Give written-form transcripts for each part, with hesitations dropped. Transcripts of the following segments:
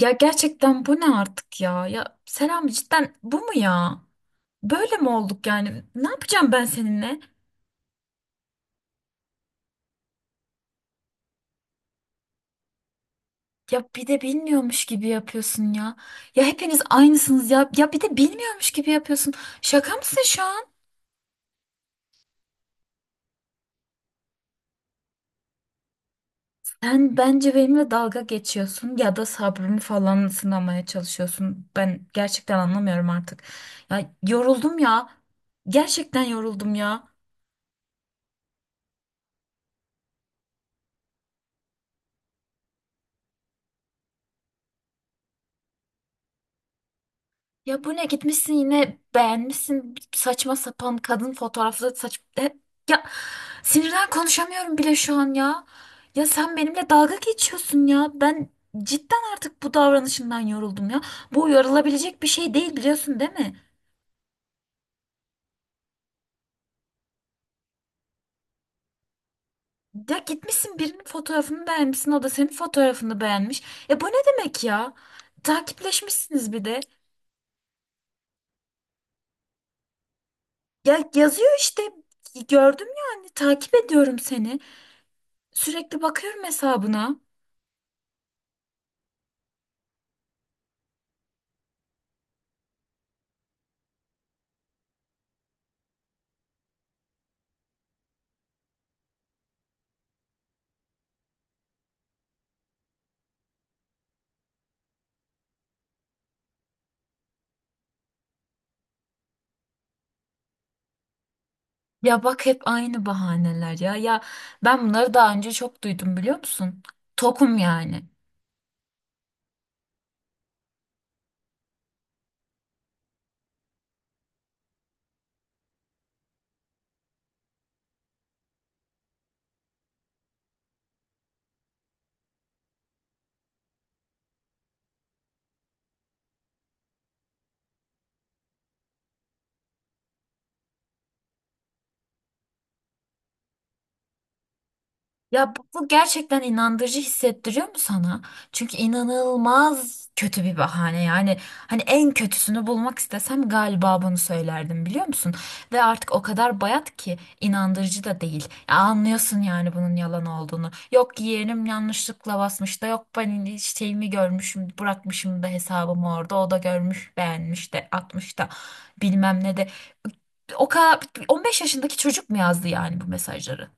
Ya gerçekten bu ne artık ya? Ya selam cidden bu mu ya? Böyle mi olduk yani? Ne yapacağım ben seninle? Ya bir de bilmiyormuş gibi yapıyorsun ya. Ya hepiniz aynısınız ya. Ya bir de bilmiyormuş gibi yapıyorsun. Şaka mısın şu an? Sen bence benimle dalga geçiyorsun ya da sabrımı falan sınamaya çalışıyorsun. Ben gerçekten anlamıyorum artık. Ya yoruldum ya. Gerçekten yoruldum ya. Ya bu ne gitmişsin yine beğenmişsin saçma sapan kadın fotoğrafları saç ya sinirden konuşamıyorum bile şu an ya. Ya sen benimle dalga geçiyorsun ya. Ben cidden artık bu davranışından yoruldum ya. Bu yorulabilecek bir şey değil biliyorsun değil mi? Ya gitmişsin birinin fotoğrafını beğenmişsin o da senin fotoğrafını beğenmiş. E bu ne demek ya? Takipleşmişsiniz bir de. Ya yazıyor işte gördüm yani takip ediyorum seni. Sürekli bakıyorum hesabına. Ya bak hep aynı bahaneler ya. Ya ben bunları daha önce çok duydum biliyor musun? Tokum yani. Ya bu gerçekten inandırıcı hissettiriyor mu sana? Çünkü inanılmaz kötü bir bahane yani, hani en kötüsünü bulmak istesem galiba bunu söylerdim biliyor musun? Ve artık o kadar bayat ki inandırıcı da değil. Ya anlıyorsun yani bunun yalan olduğunu. Yok yeğenim yanlışlıkla basmış da, yok ben şeyimi görmüşüm bırakmışım da hesabımı orada o da görmüş beğenmiş de atmış da bilmem ne de. O kadar 15 yaşındaki çocuk mu yazdı yani bu mesajları?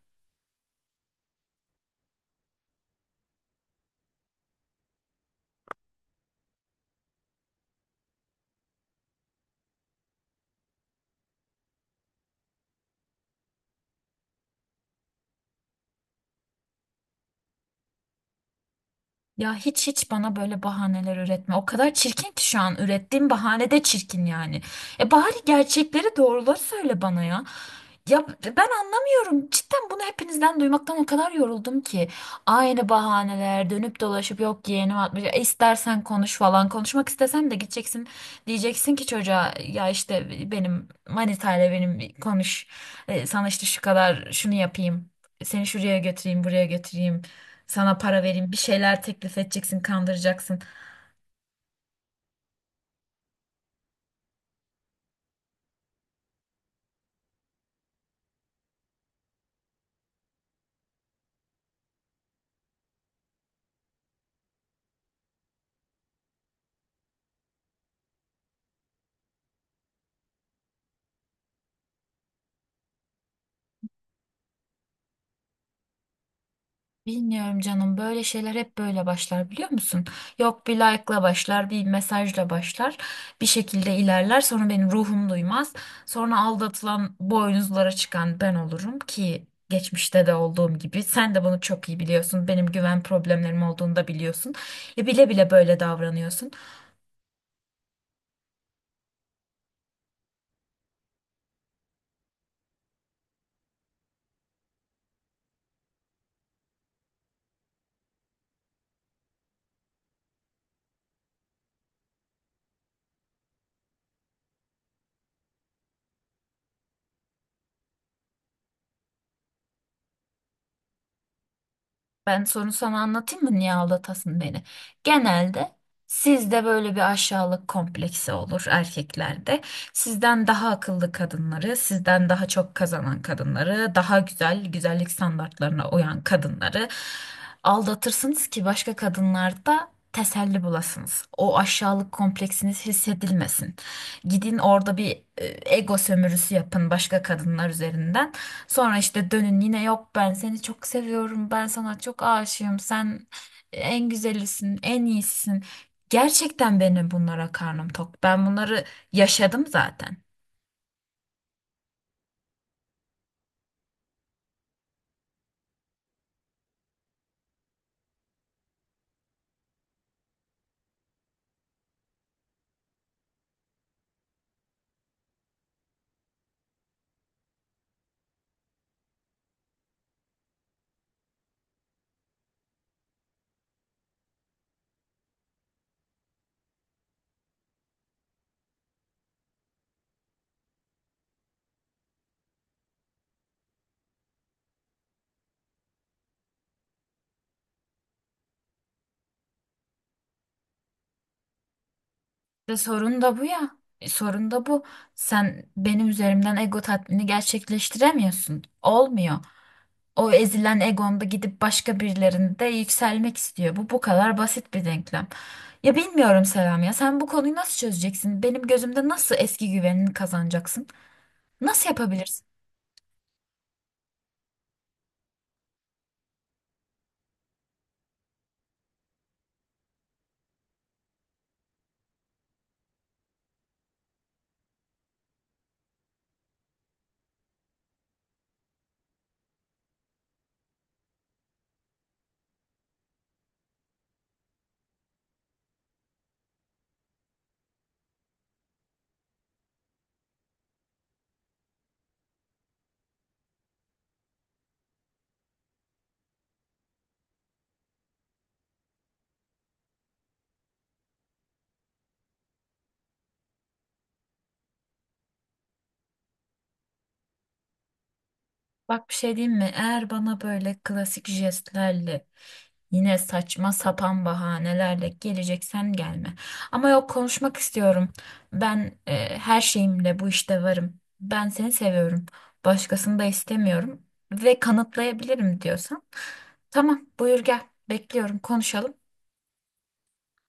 Ya hiç bana böyle bahaneler üretme. O kadar çirkin ki şu an ürettiğim bahane de çirkin yani. E bari gerçekleri doğruları söyle bana ya. Ya ben anlamıyorum. Cidden bunu hepinizden duymaktan o kadar yoruldum ki. Aynı bahaneler dönüp dolaşıp yok yeğenim atmış. E istersen konuş falan. Konuşmak istesen de gideceksin. Diyeceksin ki çocuğa ya işte benim manitayla benim konuş. E, sana işte şu kadar şunu yapayım. Seni şuraya götüreyim, buraya götüreyim. Sana para vereyim, bir şeyler teklif edeceksin, kandıracaksın. Bilmiyorum canım, böyle şeyler hep böyle başlar biliyor musun? Yok, bir like'la başlar, bir mesajla başlar. Bir şekilde ilerler, sonra benim ruhum duymaz. Sonra aldatılan, boynuzlara çıkan ben olurum ki geçmişte de olduğum gibi. Sen de bunu çok iyi biliyorsun. Benim güven problemlerim olduğunu da biliyorsun. E bile bile böyle davranıyorsun. Ben sorunu sana anlatayım mı? Niye aldatasın beni? Genelde sizde böyle bir aşağılık kompleksi olur erkeklerde. Sizden daha akıllı kadınları, sizden daha çok kazanan kadınları, daha güzel güzellik standartlarına uyan kadınları aldatırsınız ki başka kadınlarda teselli bulasınız. O aşağılık kompleksiniz hissedilmesin. Gidin orada bir e, ego sömürüsü yapın başka kadınlar üzerinden. Sonra işte dönün yine, yok ben seni çok seviyorum, ben sana çok aşığım, sen en güzelisin en iyisisin. Gerçekten benim bunlara karnım tok. Ben bunları yaşadım zaten. Ve sorun da bu ya. E, sorun da bu. Sen benim üzerimden ego tatmini gerçekleştiremiyorsun. Olmuyor. O ezilen egonda gidip başka birilerinde yükselmek istiyor. Bu kadar basit bir denklem. Ya bilmiyorum Selam, ya sen bu konuyu nasıl çözeceksin? Benim gözümde nasıl eski güvenini kazanacaksın? Nasıl yapabilirsin? Bak bir şey diyeyim mi? Eğer bana böyle klasik jestlerle yine saçma sapan bahanelerle geleceksen gelme. Ama yok, konuşmak istiyorum. Ben e, her şeyimle bu işte varım. Ben seni seviyorum. Başkasını da istemiyorum ve kanıtlayabilirim diyorsan. Tamam, buyur gel. Bekliyorum, konuşalım.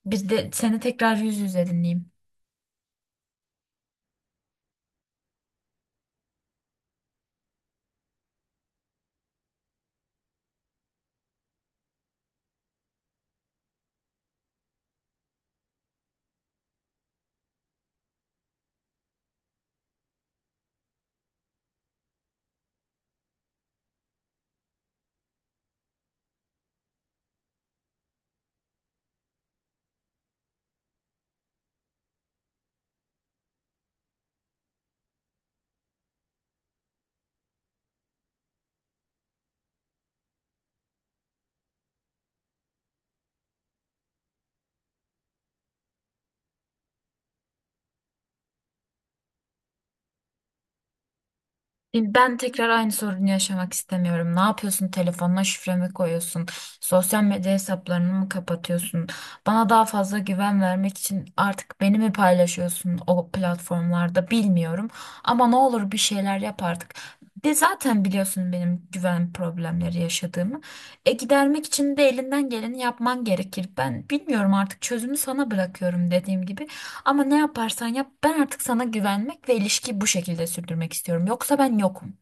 Biz de seni tekrar yüz yüze dinleyeyim. E, ben tekrar aynı sorunu yaşamak istemiyorum. Ne yapıyorsun? Telefonuna şifre mi koyuyorsun? Sosyal medya hesaplarını mı kapatıyorsun? Bana daha fazla güven vermek için artık beni mi paylaşıyorsun o platformlarda, bilmiyorum. Ama ne olur bir şeyler yap artık. De zaten biliyorsun benim güven problemleri yaşadığımı. E gidermek için de elinden geleni yapman gerekir. Ben bilmiyorum artık, çözümü sana bırakıyorum dediğim gibi. Ama ne yaparsan yap, ben artık sana güvenmek ve ilişkiyi bu şekilde sürdürmek istiyorum. Yoksa ben yokum.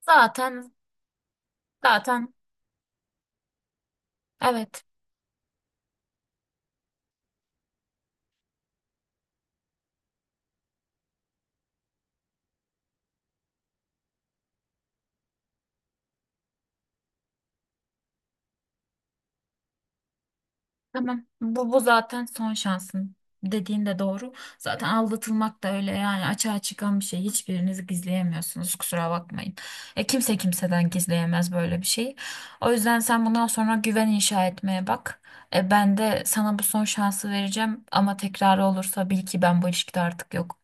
Zaten zaten evet, tamam, bu zaten son şansın dediğin de doğru. Zaten aldatılmak da öyle yani, açığa çıkan bir şey. Hiçbiriniz gizleyemiyorsunuz kusura bakmayın. E, kimse kimseden gizleyemez böyle bir şeyi. O yüzden sen bundan sonra güven inşa etmeye bak. E, ben de sana bu son şansı vereceğim ama tekrar olursa bil ki ben bu ilişkide artık yok.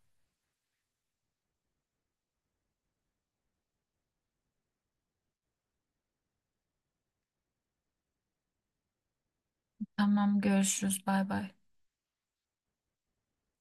Tamam görüşürüz bay bay.